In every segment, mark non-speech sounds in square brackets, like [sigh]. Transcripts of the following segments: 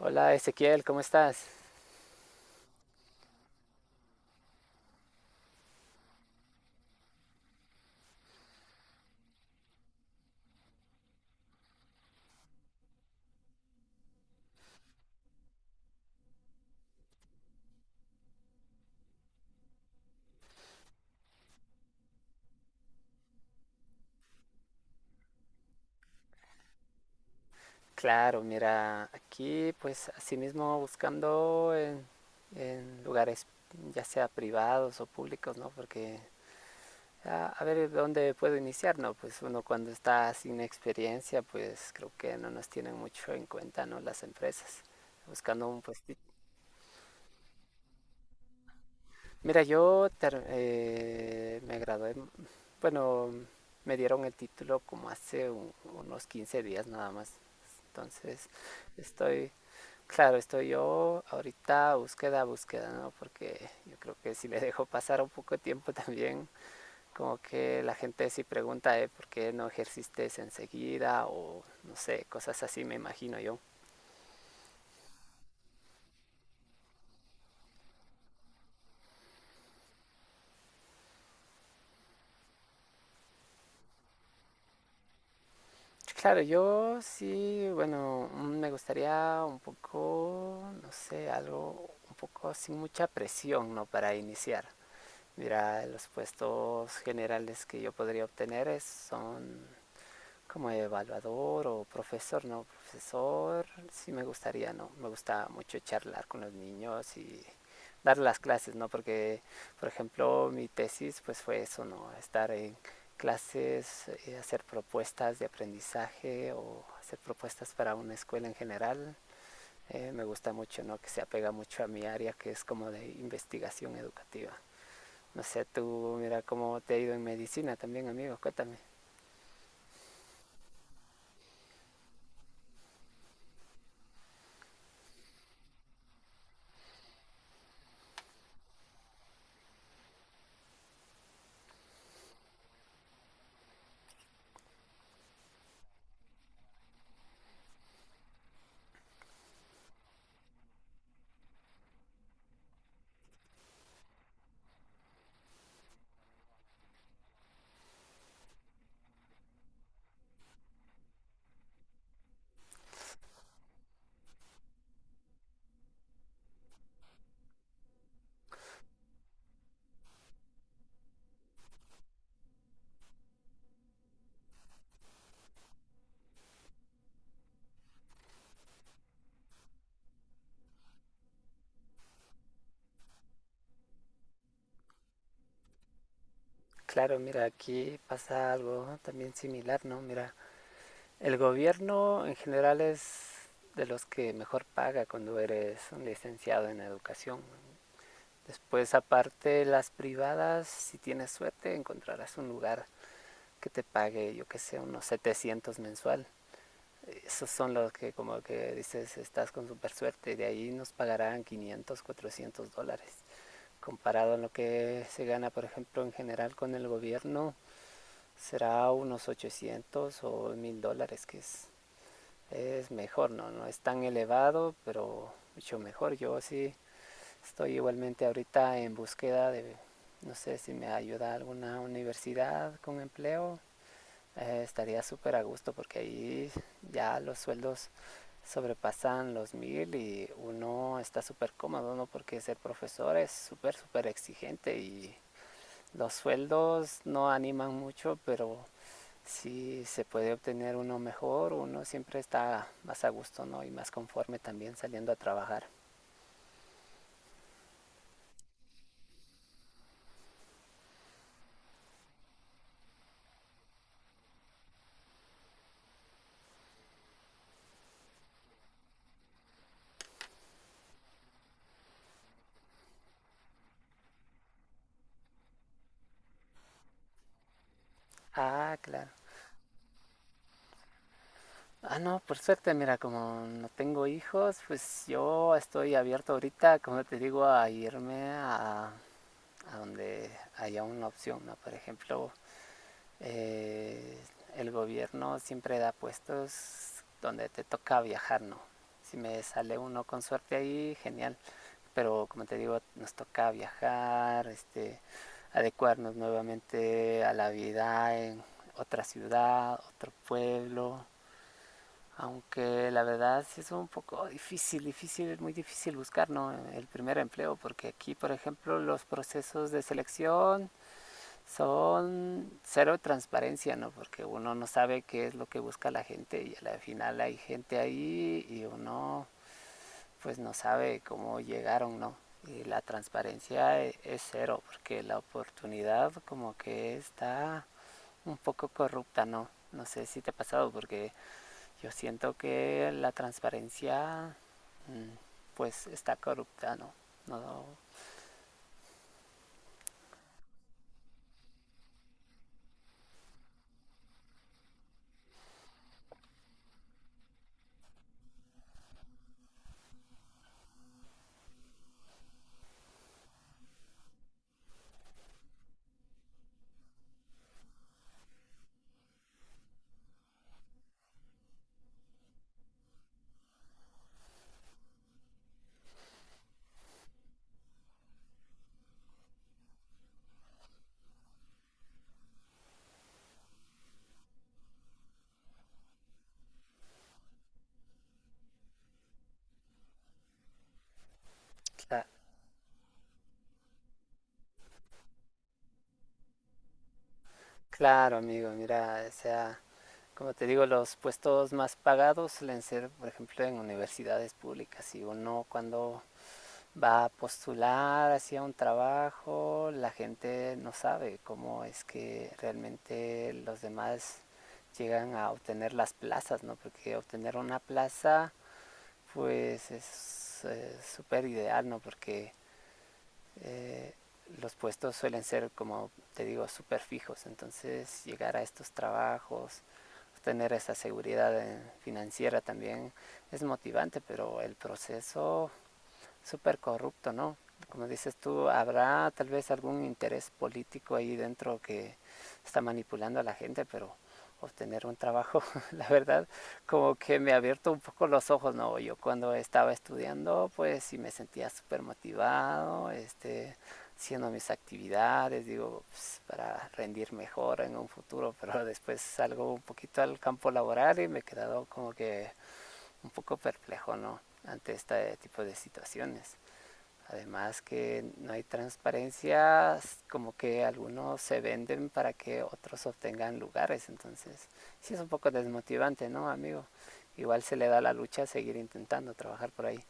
Hola Ezequiel, ¿cómo estás? Claro, mira, aquí pues así mismo buscando en lugares ya sea privados o públicos, ¿no? Porque a ver dónde puedo iniciar, ¿no? Pues uno cuando está sin experiencia, pues creo que no nos tienen mucho en cuenta, ¿no? Las empresas. Buscando un puesto. Mira, me gradué, bueno, me dieron el título como hace unos 15 días nada más. Entonces, estoy, claro, estoy yo ahorita búsqueda, búsqueda, ¿no? Porque yo creo que si le dejo pasar un poco de tiempo [laughs] también, como que la gente sí pregunta, ¿eh? ¿Por qué no ejerciste enseguida? O no sé, cosas así me imagino yo. Claro, yo sí, bueno, me gustaría un poco, no sé, algo un poco sin mucha presión, ¿no? Para iniciar. Mira, los puestos generales que yo podría obtener son como evaluador o profesor, no, profesor, sí me gustaría, no, me gusta mucho charlar con los niños y dar las clases, ¿no? Porque, por ejemplo, mi tesis pues fue eso, ¿no? Estar en clases, hacer propuestas de aprendizaje o hacer propuestas para una escuela en general. Me gusta mucho, ¿no? Que se apega mucho a mi área que es como de investigación educativa. No sé, tú, mira cómo te ha ido en medicina también, amigo, cuéntame. Claro, mira, aquí pasa algo también similar, ¿no? Mira, el gobierno en general es de los que mejor paga cuando eres un licenciado en educación. Después, aparte, las privadas, si tienes suerte, encontrarás un lugar que te pague, yo que sé, unos 700 mensual. Esos son los que como que dices, estás con super suerte, de ahí nos pagarán 500, 400 dólares. Comparado a lo que se gana, por ejemplo, en general con el gobierno, será unos 800 o 1.000 dólares, que es mejor, ¿no? No es tan elevado, pero mucho mejor. Yo sí estoy igualmente ahorita en búsqueda de, no sé si me ayuda alguna universidad con empleo, estaría súper a gusto porque ahí ya los sueldos sobrepasan los mil y uno está súper cómodo, ¿no? Porque ser profesor es súper, súper exigente y los sueldos no animan mucho, pero si se puede obtener uno mejor, uno siempre está más a gusto, ¿no? Y más conforme también saliendo a trabajar. Ah, claro. Ah, no, por suerte, mira, como no tengo hijos, pues yo estoy abierto ahorita, como te digo, a irme a donde haya una opción, ¿no? Por ejemplo, Eh, el gobierno siempre da puestos donde te toca viajar, ¿no? Si me sale uno con suerte ahí, genial. Pero como te digo, nos toca viajar, adecuarnos nuevamente a la vida en otra ciudad, otro pueblo. Aunque la verdad sí es un poco difícil, difícil, muy difícil buscar, ¿no?, el primer empleo, porque aquí, por ejemplo, los procesos de selección son cero transparencia, ¿no? Porque uno no sabe qué es lo que busca la gente y al final hay gente ahí y uno pues no sabe cómo llegaron, ¿no? Y la transparencia es cero, porque la oportunidad como que está un poco corrupta, ¿no? No sé si te ha pasado, porque yo siento que la transparencia mm, pues está corrupta, ¿no? No, no. Claro, amigo, mira, o sea, como te digo, los puestos más pagados suelen ser, por ejemplo, en universidades públicas. Y uno cuando va a postular hacia un trabajo, la gente no sabe cómo es que realmente los demás llegan a obtener las plazas, ¿no? Porque obtener una plaza, pues es súper ideal, ¿no? Porque eh, los puestos suelen ser, como te digo, súper fijos. Entonces, llegar a estos trabajos, tener esa seguridad financiera también es motivante, pero el proceso súper corrupto, ¿no? Como dices tú, habrá tal vez algún interés político ahí dentro que está manipulando a la gente, pero obtener un trabajo, [laughs] la verdad, como que me ha abierto un poco los ojos, ¿no? Yo cuando estaba estudiando, pues sí me sentía súper motivado, haciendo mis actividades, digo, pues, para rendir mejor en un futuro, [laughs] pero después salgo un poquito al campo laboral y me he quedado como que un poco perplejo, ¿no? Ante este tipo de situaciones. Además que no hay transparencia, como que algunos se venden para que otros obtengan lugares, entonces sí es un poco desmotivante, ¿no, amigo? Igual se le da la lucha a seguir intentando trabajar por ahí.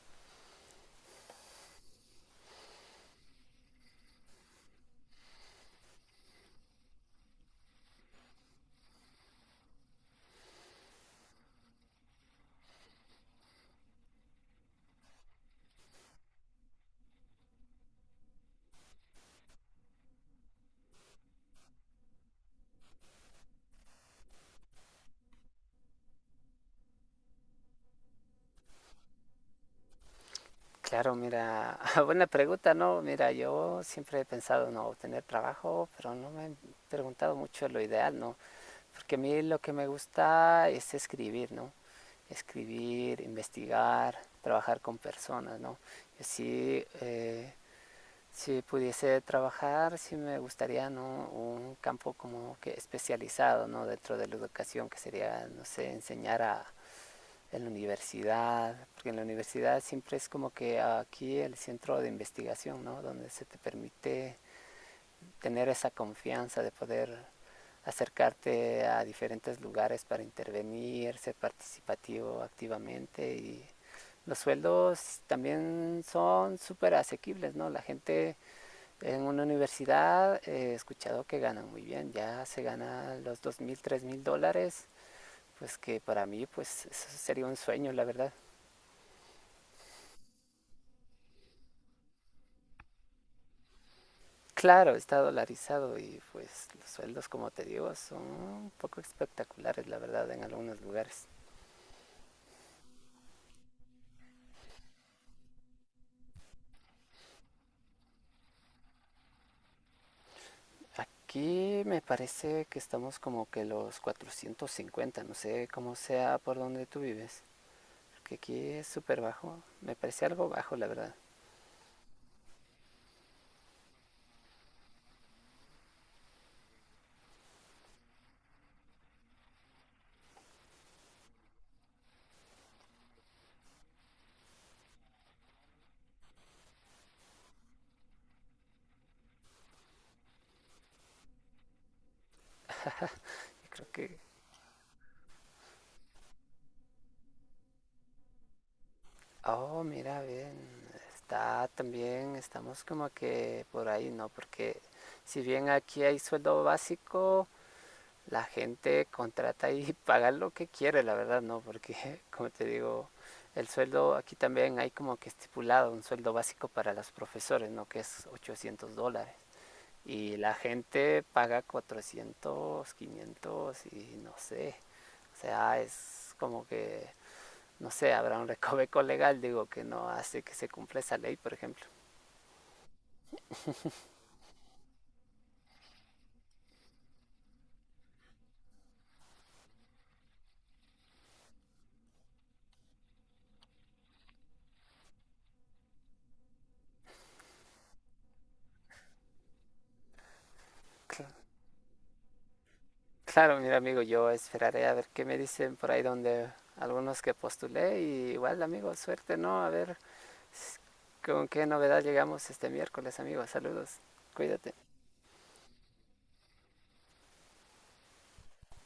Claro, mira, [laughs] buena pregunta, ¿no? Mira, yo siempre he pensado, no, obtener trabajo, pero no me he preguntado mucho lo ideal, ¿no? Porque a mí lo que me gusta es escribir, ¿no? Escribir, investigar, trabajar con personas, ¿no? Yo sí, si pudiese trabajar, sí me gustaría, ¿no?, un campo como que especializado, ¿no?, dentro de la educación, que sería, no sé, enseñar en la universidad, porque en la universidad siempre es como que aquí el centro de investigación, ¿no?, donde se te permite tener esa confianza de poder acercarte a diferentes lugares para intervenir, ser participativo activamente y los sueldos también son súper asequibles, ¿no? La gente en una universidad, he escuchado que ganan muy bien, ya se gana los 2.000 3.000 dólares, pues que para mí pues eso sería un sueño, la verdad. Claro, está dolarizado y pues los sueldos, como te digo, son un poco espectaculares, la verdad, en algunos lugares. Aquí me parece que estamos como que los 450, no sé cómo sea por donde tú vives, que aquí es súper bajo, me parece algo bajo, la verdad. Creo que Oh, mira, bien. Está también, estamos como que por ahí, ¿no? Porque si bien aquí hay sueldo básico, la gente contrata y [laughs] paga lo que quiere, la verdad, ¿no? Porque, [laughs] como te digo, el sueldo aquí también hay como que estipulado un sueldo básico para los profesores, ¿no? Que es 800 dólares. Y la gente paga 400 500 y no sé. O sea, es como que no sé, habrá un recoveco legal, digo, que no hace que se cumpla esa ley, por ejemplo. Claro, claro, mira amigo, yo esperaré a ver qué me dicen por ahí donde algunos que postulé y igual amigo, suerte, ¿no? A ver con qué novedad llegamos este miércoles, amigo. Saludos, cuídate.